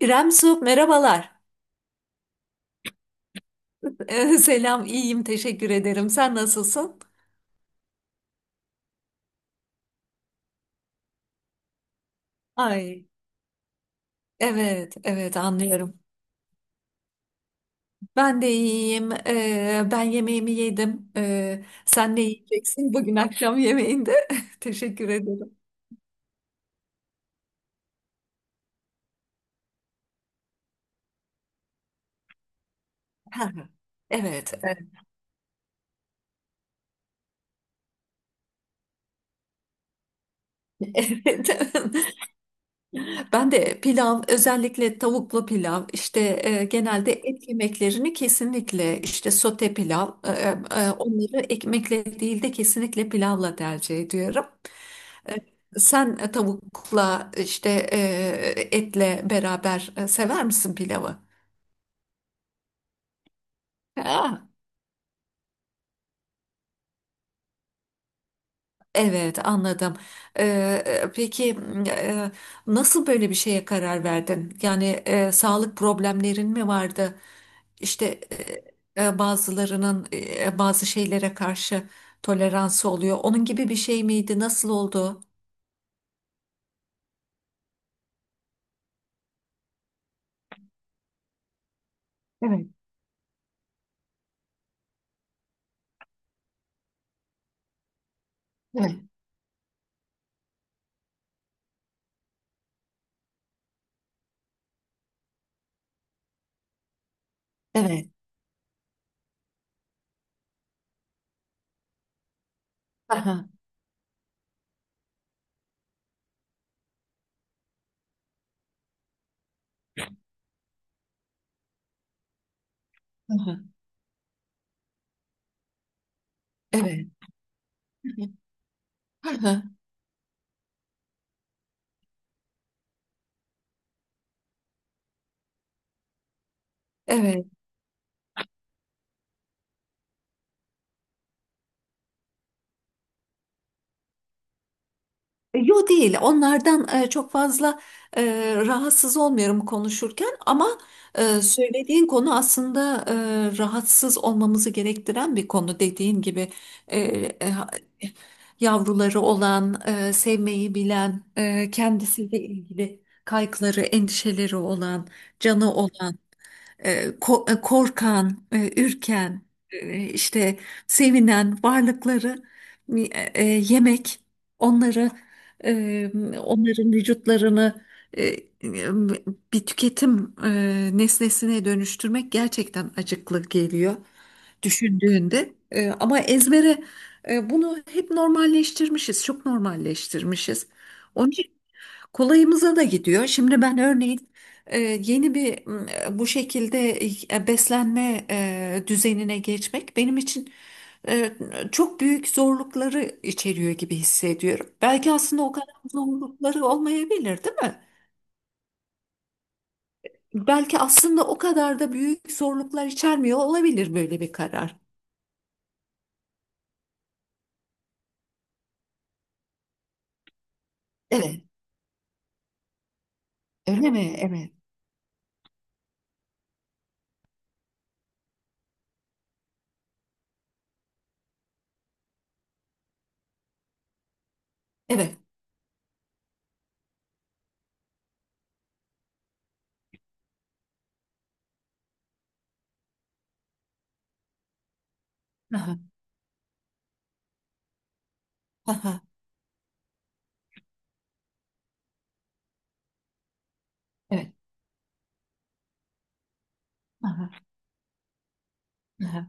İrem Su, merhabalar. Selam, iyiyim, teşekkür ederim. Sen nasılsın? Ay, evet, evet anlıyorum. Ben de iyiyim. Ben yemeğimi yedim. Sen ne yiyeceksin bugün akşam yemeğinde? Teşekkür ederim. Ha, evet, evet. Ben de pilav, özellikle tavuklu pilav, işte genelde et yemeklerini kesinlikle işte sote pilav, onları ekmekle değil de kesinlikle pilavla tercih ediyorum. E, Sen tavukla işte etle beraber sever misin pilavı? Ha, evet anladım. E, peki e, nasıl böyle bir şeye karar verdin? Yani sağlık problemlerin mi vardı? İşte bazılarının bazı şeylere karşı toleransı oluyor. Onun gibi bir şey miydi? Nasıl oldu? Evet, evet, evet. Aha, aha, evet. Aha, evet. Yo değil. Onlardan çok fazla rahatsız olmuyorum konuşurken ama söylediğin konu aslında rahatsız olmamızı gerektiren bir konu. Dediğin gibi e, e, ha- yavruları olan, sevmeyi bilen, kendisiyle ilgili kaygıları, endişeleri olan, canı olan korkan, ürken, işte sevinen varlıkları e, yemek, onları e, onların vücutlarını e, e, bir tüketim nesnesine dönüştürmek gerçekten acıklı geliyor düşündüğünde. Ama ezbere bunu hep normalleştirmişiz, çok normalleştirmişiz. Onun için kolayımıza da gidiyor. Şimdi ben örneğin yeni bir bu şekilde beslenme düzenine geçmek benim için e, çok büyük zorlukları içeriyor gibi hissediyorum. Belki aslında o kadar zorlukları olmayabilir, değil mi? Belki aslında o kadar da büyük zorluklar içermiyor olabilir böyle bir karar. Evet, öyle mi? Evet. Evet. Aha, aha, evet. Aha, aha,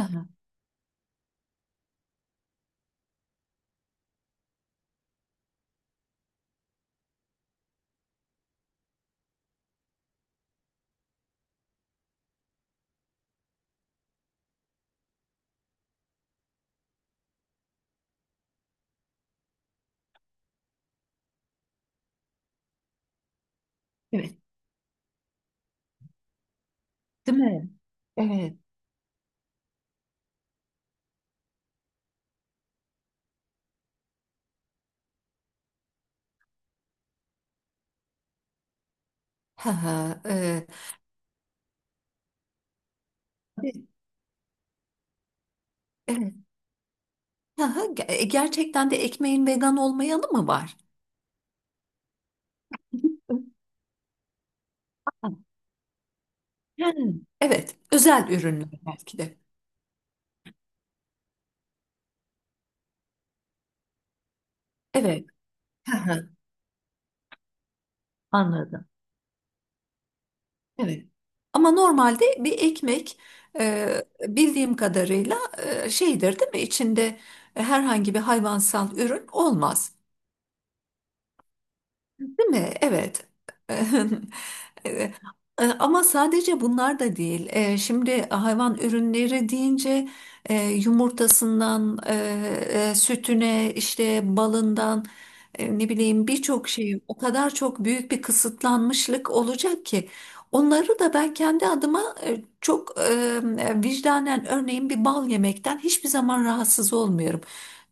aha. Evet. Değil mi? Evet. Ha ha. Evet. Ha ha, gerçekten de ekmeğin vegan olmayanı mı var? Hmm. Evet, özel ürünler belki de. Evet. Ha ha. Anladım. Evet. Ama normalde bir ekmek bildiğim kadarıyla şeydir değil mi? İçinde herhangi bir hayvansal ürün olmaz. Değil mi? Evet. E, Ama sadece bunlar da değil. Şimdi hayvan ürünleri deyince yumurtasından, sütüne, işte balından, ne bileyim birçok şey o kadar çok büyük bir kısıtlanmışlık olacak ki. Onları da ben kendi adıma çok vicdanen örneğin bir bal yemekten hiçbir zaman rahatsız olmuyorum.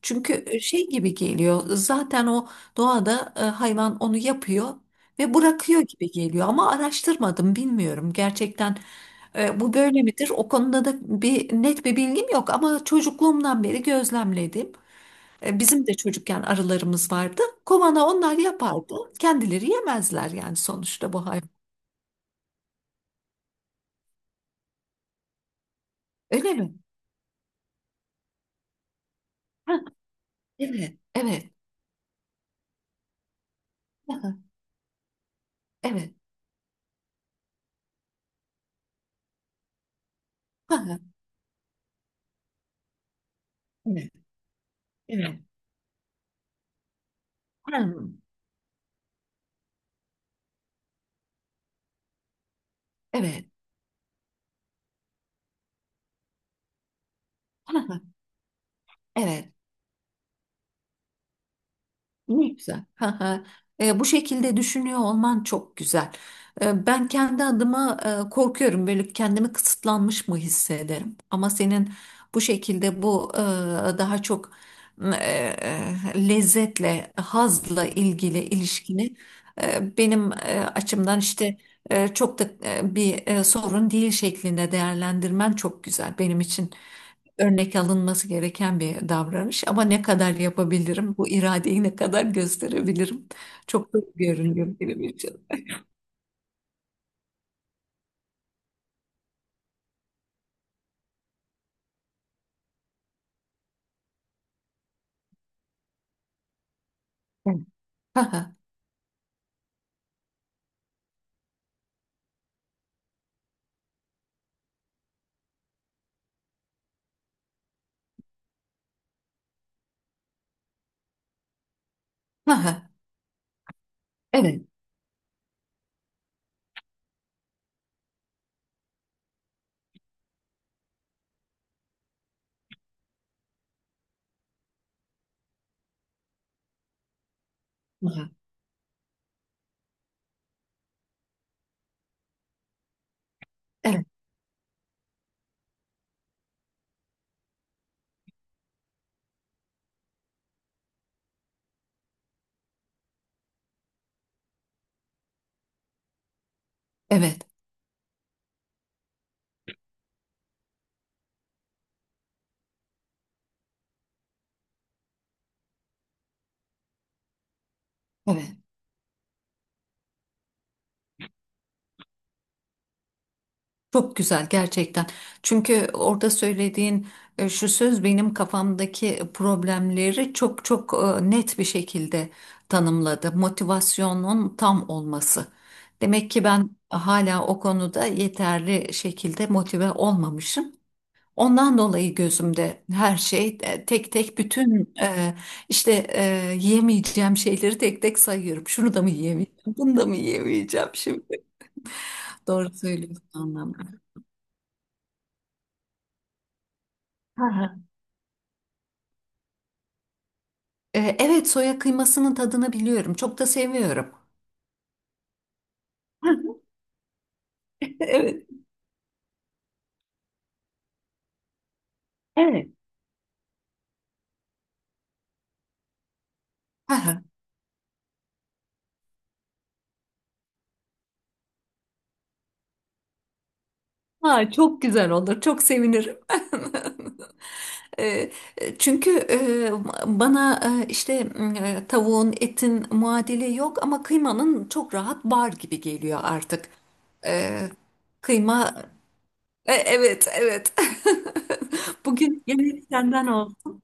Çünkü şey gibi geliyor zaten o doğada hayvan onu yapıyor ve bırakıyor gibi geliyor ama araştırmadım bilmiyorum gerçekten bu böyle midir? O konuda da bir net bir bilgim yok ama çocukluğumdan beri gözlemledim. Bizim de çocukken arılarımız vardı. Kovana onlar yapardı. Kendileri yemezler yani sonuçta bu hayvan. Öyle mi? Ha, evet. Evet. Ha, evet. Ha, evet. Evet. Ha, evet. Ha, evet. Ne güzel. Ha ha. Bu şekilde düşünüyor olman çok güzel. Ben kendi adıma korkuyorum. Böyle kendimi kısıtlanmış mı hissederim? Ama senin bu şekilde bu daha çok e, lezzetle, hazla ilgili ilişkini benim açımdan işte çok da bir sorun değil şeklinde değerlendirmen çok güzel benim için örnek alınması gereken bir davranış ama ne kadar yapabilirim? Bu iradeyi ne kadar gösterebilirim? Çok da görünüyor benim için. Evet. Aha, aha, evet, aha, evet, evet, evet. Çok güzel gerçekten. Çünkü orada söylediğin şu söz benim kafamdaki problemleri çok çok net bir şekilde tanımladı. Motivasyonun tam olması. Demek ki ben hala o konuda yeterli şekilde motive olmamışım. Ondan dolayı gözümde her şey tek tek bütün işte yemeyeceğim şeyleri tek tek sayıyorum. Şunu da mı yiyemeyeceğim, bunu da mı yiyemeyeceğim şimdi? Doğru söylüyorsun anlamda. Hı hı. Evet, soya kıymasının tadını biliyorum. Çok da seviyorum. Evet. Evet. Hı hı. Ha, çok güzel olur. Çok sevinirim. E, Çünkü bana işte tavuğun, etin muadili yok ama kıymanın çok rahat bar gibi geliyor artık. E, Kıyma, evet, evet. Bugün yemek senden oldu.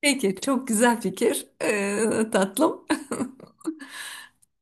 Peki, çok güzel fikir, tatlım.